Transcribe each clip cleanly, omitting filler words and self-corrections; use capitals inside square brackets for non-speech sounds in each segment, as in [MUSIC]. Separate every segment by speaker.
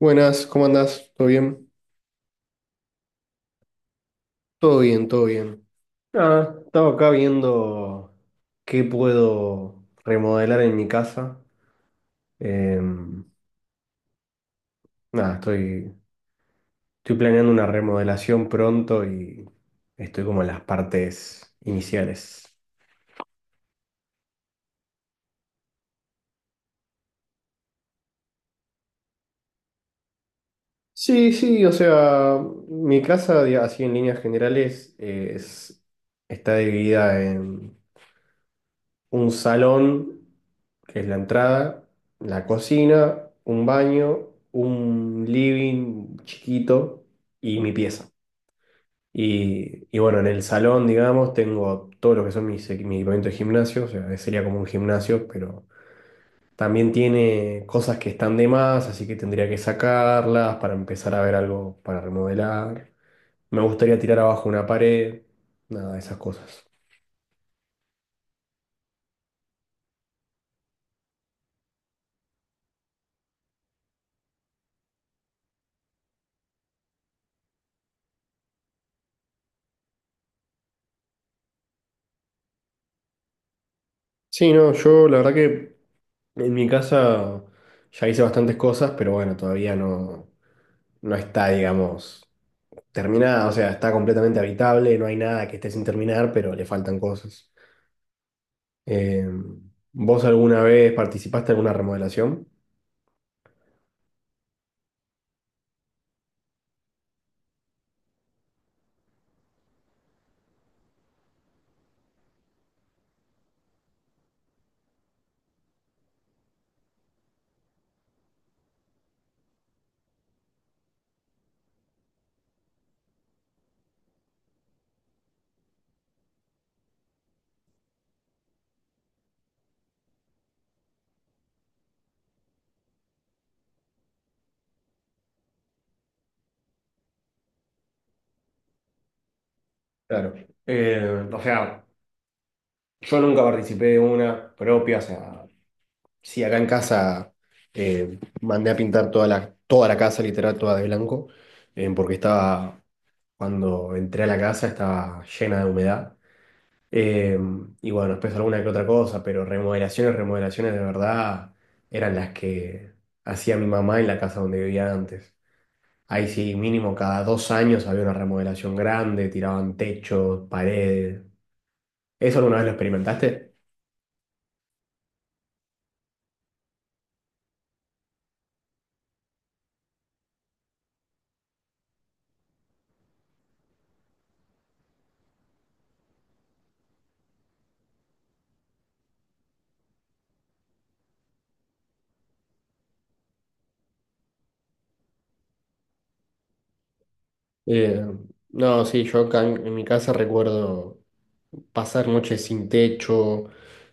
Speaker 1: Buenas, ¿cómo andás? ¿Todo bien? Todo bien, todo bien. Nada, estaba acá viendo qué puedo remodelar en mi casa. Em, Nada, estoy planeando una remodelación pronto y estoy como en las partes iniciales. Sí, sí, o sea, mi casa, así en líneas generales, está dividida en un salón, que es la entrada, la cocina, un baño, un living chiquito y mi pieza. Y bueno, en el salón, digamos, tengo todo lo que son mis, mi equipamiento de gimnasio, o sea, sería como un gimnasio, pero también tiene cosas que están de más, así que tendría que sacarlas para empezar a ver algo para remodelar. Me gustaría tirar abajo una pared, nada de esas cosas. Sí, no, yo la verdad que en mi casa ya hice bastantes cosas, pero bueno, todavía no está, digamos, terminada. O sea, está completamente habitable, no hay nada que esté sin terminar, pero le faltan cosas. Eh, ¿Vos alguna vez participaste en alguna remodelación? Claro. O sea, yo nunca participé de una propia, o sea, sí, acá en casa mandé a pintar toda la casa, literal, toda de blanco, eh, porque estaba, cuando entré a la casa estaba llena de humedad. Eh, y bueno, después alguna que otra cosa, pero remodelaciones, remodelaciones de verdad eran las que hacía mi mamá en la casa donde vivía antes. Ahí sí, mínimo cada dos años había una remodelación grande, tiraban techos, paredes. ¿Eso alguna vez lo experimentaste? Eh, no, sí, yo acá en mi casa recuerdo pasar noches sin techo,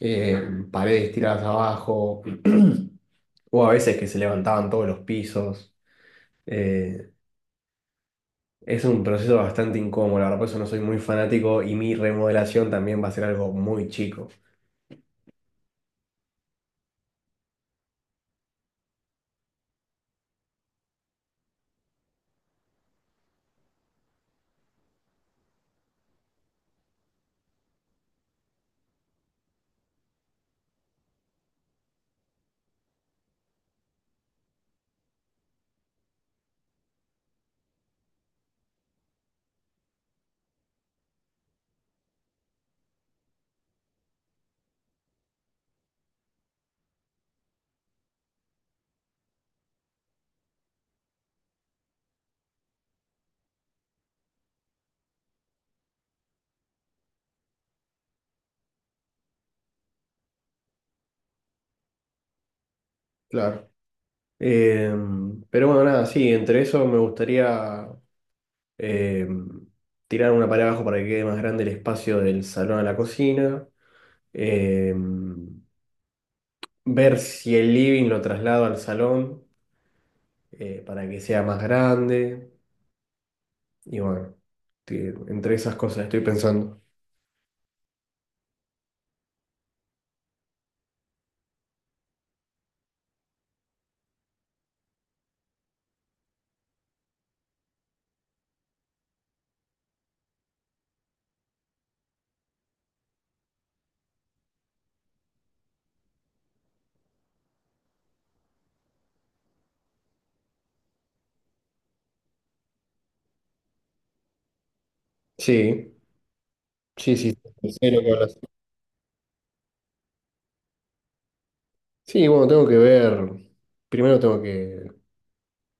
Speaker 1: eh, paredes tiradas abajo, [CLEARS THROAT] o a veces que se levantaban todos los pisos. Eh, es un proceso bastante incómodo, la verdad, por eso no soy muy fanático y mi remodelación también va a ser algo muy chico. Claro. Pero bueno, nada, sí, entre eso me gustaría em, tirar una pared abajo para que quede más grande el espacio del salón a la cocina. Eh, Ver si el living lo traslado al salón para que sea más grande. Y bueno, entre esas cosas estoy pensando. Sí, sí, sí, sí, sé lo que hablas. Sí, bueno, tengo que ver. Primero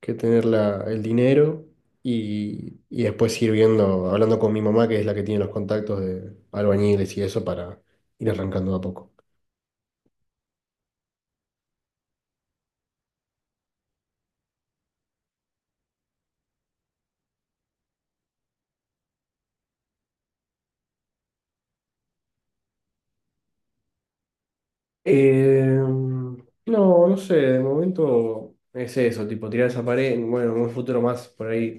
Speaker 1: que tener el dinero y después ir viendo, hablando con mi mamá, que es la que tiene los contactos de albañiles y eso, para ir arrancando de a poco. Eh, no sé, de momento es eso, tipo tirar esa pared, bueno, en un futuro más por ahí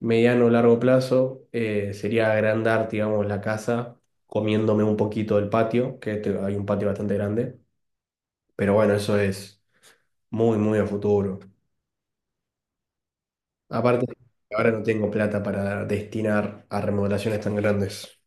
Speaker 1: mediano o largo plazo, sería agrandar, digamos, la casa, comiéndome un poquito del patio, que hay un patio bastante grande, pero bueno, eso es muy, muy a futuro. Aparte, ahora no tengo plata para destinar a remodelaciones tan grandes.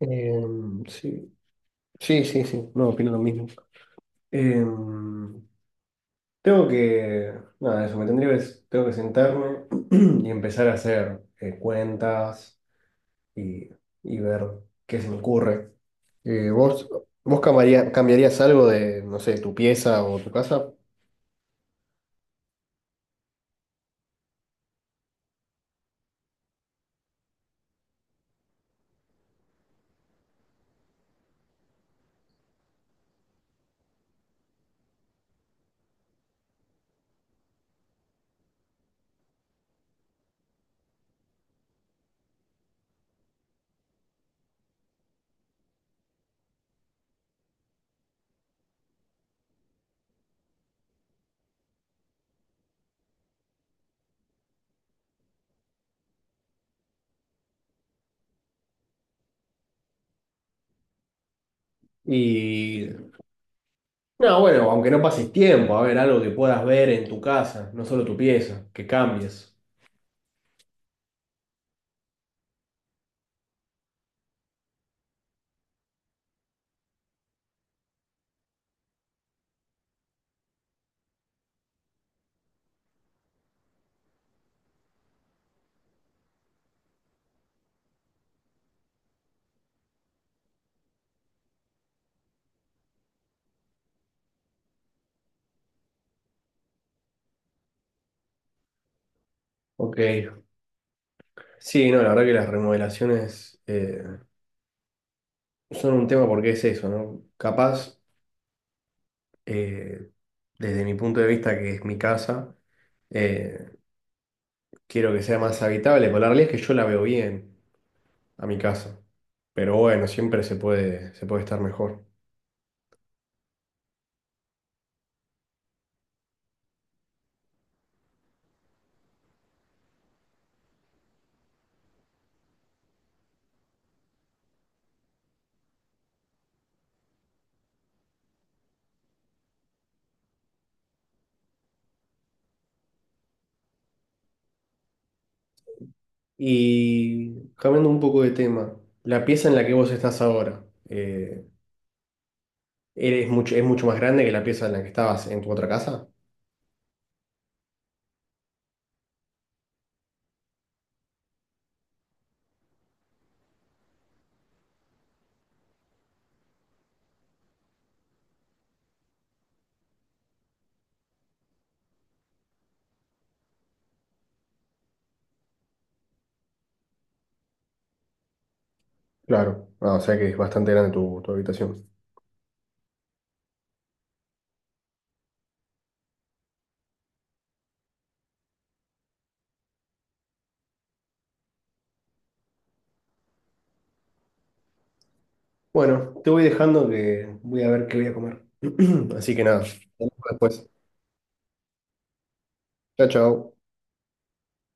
Speaker 1: Eh, sí, sí, sí, sí, no, opino lo mismo. Eh, Tengo que, Nada, eso, tengo que sentarme [CLEARS THROAT] y empezar a hacer cuentas y, y ver qué se me ocurre. Eh, ¿vos, Vos cambiarías algo de, no sé, ¿tu pieza o tu casa? Y no, bueno, aunque no pases tiempo, a ver, algo que puedas ver en tu casa, no solo tu pieza, que cambies. Ok. Sí, no, la verdad que las remodelaciones son un tema porque es eso, ¿no? Capaz. eh, Desde mi punto de vista, que es mi casa, eh, quiero que sea más habitable, pero la realidad es que yo la veo bien a mi casa. Pero bueno, siempre se puede estar mejor. Y cambiando un poco de tema, la pieza en la que vos estás ahora, ¿ es mucho más grande que la pieza en la que estabas en tu otra casa? Claro. Ah, o sea que es bastante grande tu habitación. Bueno, te voy dejando que voy a ver qué voy a comer. [CLEARS THROAT] Así que nada, nos vemos después. Chao, chao.